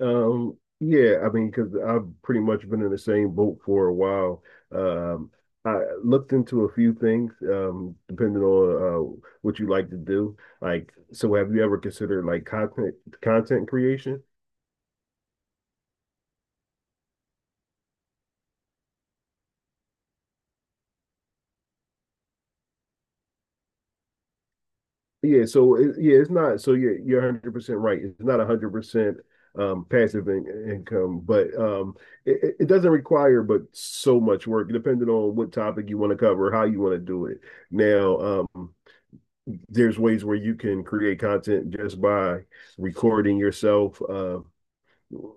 Yeah, I mean, because I've pretty much been in the same boat for a while. Um, I looked into a few things, depending on what you like to do. So have you ever considered like content creation? Yeah, so it's not. So you're 100% right. It's not 100% passive income, but it doesn't require but so much work, depending on what topic you want to cover, how you want to do it. Now, there's ways where you can create content just by recording yourself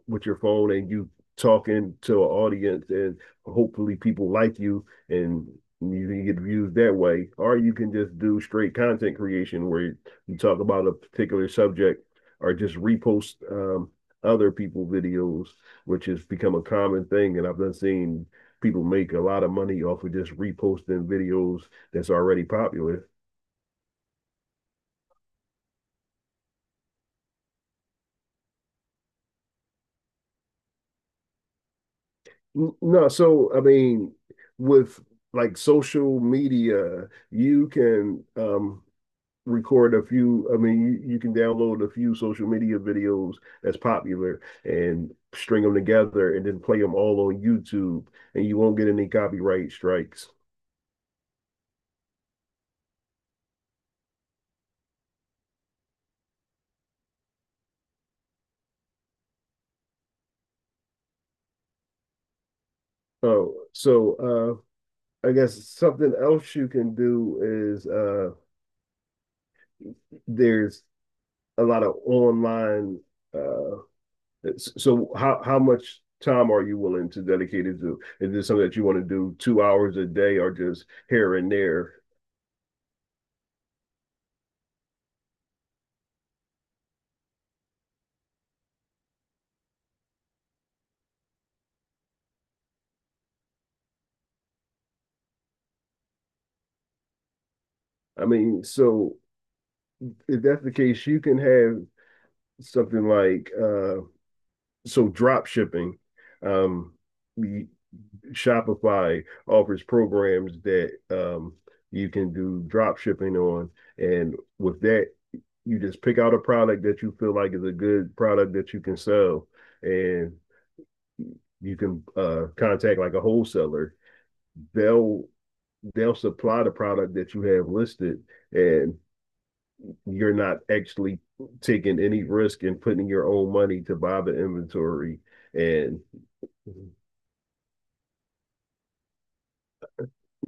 with your phone and you talking to an audience and hopefully people like you and you can get views that way, or you can just do straight content creation where you talk about a particular subject or just repost other people videos, which has become a common thing. And I've been seeing people make a lot of money off of just reposting videos that's already popular. No, so I mean, with like social media, you can record a few. I mean, you can download a few social media videos that's popular and string them together and then play them all on YouTube, and you won't get any copyright strikes. Oh, so I guess something else you can do is there's a lot of online uh so how much time are you willing to dedicate it to? Is this something that you want to do 2 hours a day or just here and there? I mean, so if that's the case, you can have something like so drop shipping. Um, Shopify offers programs that you can do drop shipping on, and with that, you just pick out a product that you feel like is a good product that you can sell, and you can contact like a wholesaler. They'll they'll supply the product that you have listed, and you're not actually taking any risk and putting your own money to buy the inventory. And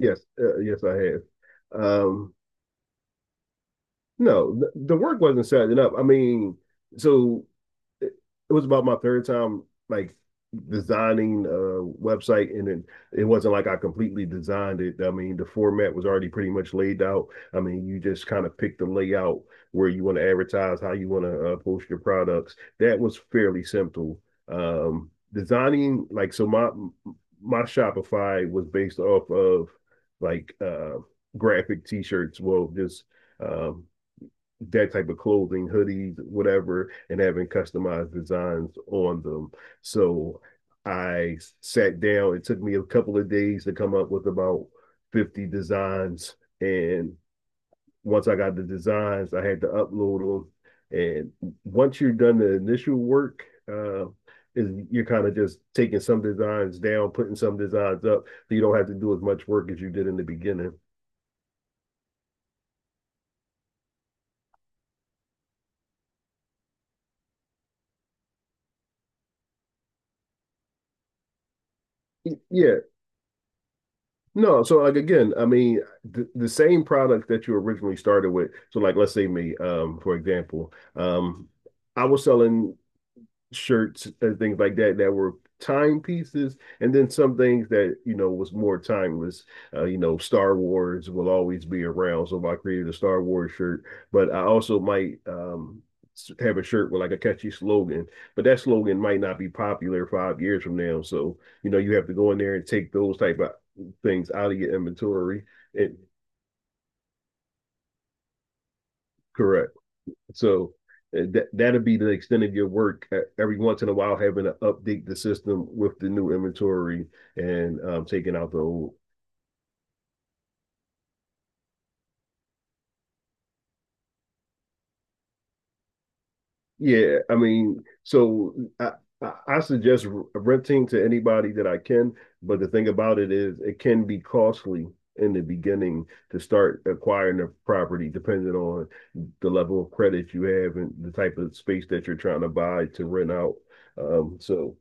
yes, yes, I have. Um, No, the work wasn't setting up. I mean, so it, it was about my third time like designing a website, and then it wasn't like I completely designed it. I mean, the format was already pretty much laid out. I mean, you just kind of pick the layout, where you want to advertise, how you want to post your products. That was fairly simple. Designing, like, so my Shopify was based off of like graphic t-shirts, well just um that type of clothing, hoodies, whatever, and having customized designs on them. So I sat down. It took me a couple of days to come up with about 50 designs. And once I got the designs, I had to upload them. And once you're done the initial work, uh, is you're kind of just taking some designs down, putting some designs up, so you don't have to do as much work as you did in the beginning. Yeah, no, so like again, I mean, the same product that you originally started with. So like, let's say me, for example, um, I was selling shirts and things like that that were timepieces, and then some things that you know was more timeless. You know, Star Wars will always be around, so I created a Star Wars shirt. But I also might have a shirt with like a catchy slogan, but that slogan might not be popular 5 years from now. So you know, you have to go in there and take those type of things out of your inventory. And correct. So that that'll be the extent of your work. Every once in a while, having to update the system with the new inventory and taking out the old. Yeah, I mean, so I I suggest renting to anybody that I can. But the thing about it is, it can be costly in the beginning to start acquiring a property, depending on the level of credit you have and the type of space that you're trying to buy to rent out. So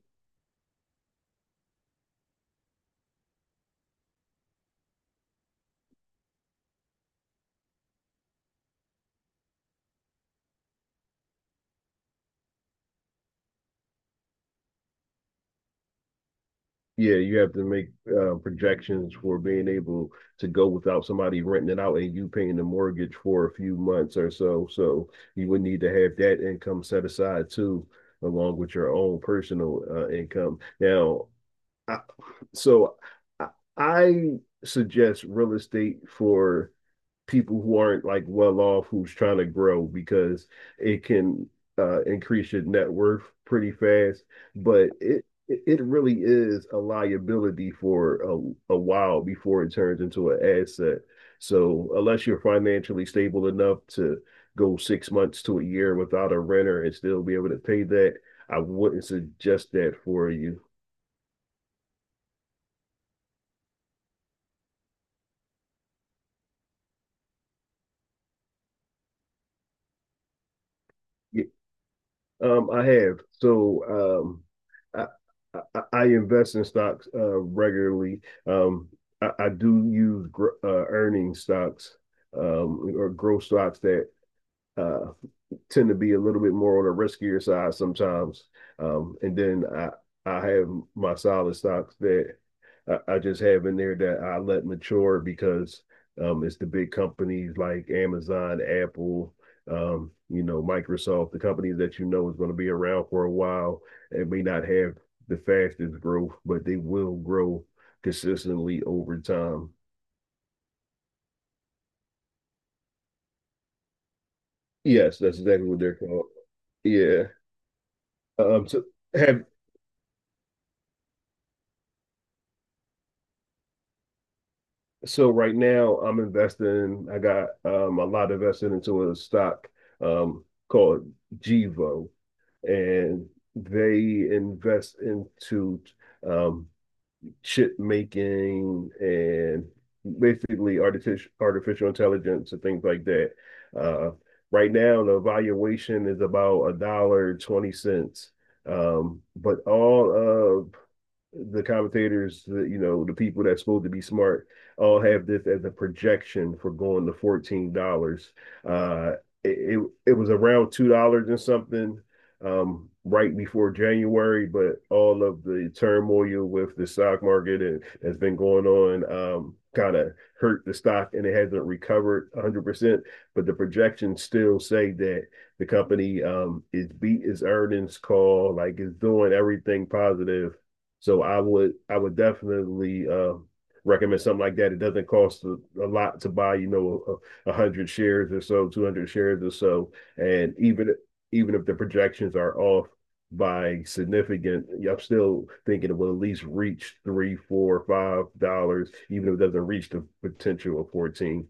yeah, you have to make projections for being able to go without somebody renting it out and you paying the mortgage for a few months or so. So you would need to have that income set aside too, along with your own personal income. Now, I, so I, I suggest real estate for people who aren't like well off, who's trying to grow, because it can increase your net worth pretty fast. But it really is a liability for a while before it turns into an asset. So unless you're financially stable enough to go 6 months to a year without a renter and still be able to pay that, I wouldn't suggest that for you. I have. So um, I invest in stocks regularly. I do use earning stocks, or growth stocks, that uh, tend to be a little bit more on the riskier side sometimes. And then I have my solid stocks that I just have in there that I let mature, because it's the big companies like Amazon, Apple, you know, Microsoft, the companies that you know is going to be around for a while and may not have the fastest growth, but they will grow consistently over time. Yes, that's exactly what they're called. Yeah. Um, so have So right now I'm investing. I got a lot invested into a stock called Gevo, and they invest into um chip making and basically artificial intelligence and things like that. Uh, right now the valuation is about a dollar twenty cents. But all of the commentators, the, you know, the people that's supposed to be smart, all have this as a projection for going to $14. Uh, it, it it was around $2 and something, right before January, but all of the turmoil with the stock market and has been going on kind of hurt the stock, and it hasn't recovered 100%. But the projections still say that the company is beat its earnings call, like it's doing everything positive. So I would definitely recommend something like that. It doesn't cost a lot to buy, you know, 100 shares or so, 200 shares or so, and even if the projections are off by significant, I'm still thinking it will at least reach three, four, $5, even if it doesn't reach the potential of 14.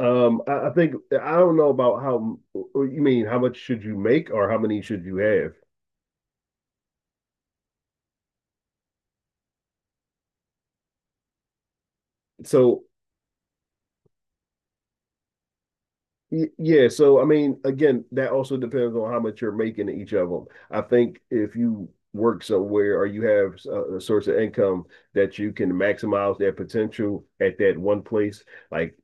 I think I don't know about how you mean. How much should you make, or how many should you have? So Yeah, so I mean, again, that also depends on how much you're making in each of them. I think if you work somewhere, or you have a source of income that you can maximize that potential at that one place, like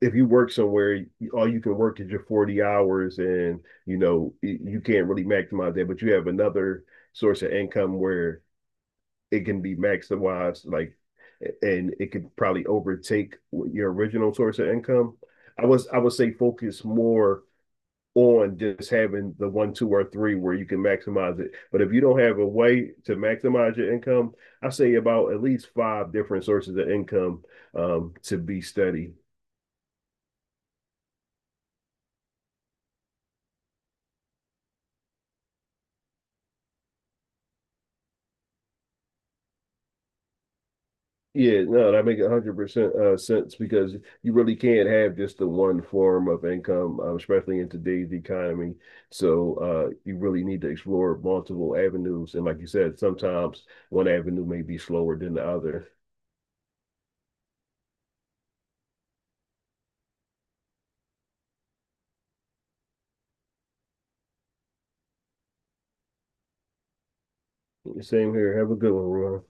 if you work somewhere, all you can work is your 40 hours, and you know you can't really maximize that, but you have another source of income where it can be maximized, like, and it could probably overtake your original source of income. I would say focus more on just having the one, two, or three where you can maximize it. But if you don't have a way to maximize your income, I say about at least five different sources of income, to be studied. Yeah, no, that makes 100% sense, because you really can't have just the one form of income, especially in today's economy. So you really need to explore multiple avenues. And like you said, sometimes one avenue may be slower than the other. Same here. Have a good one, Ron.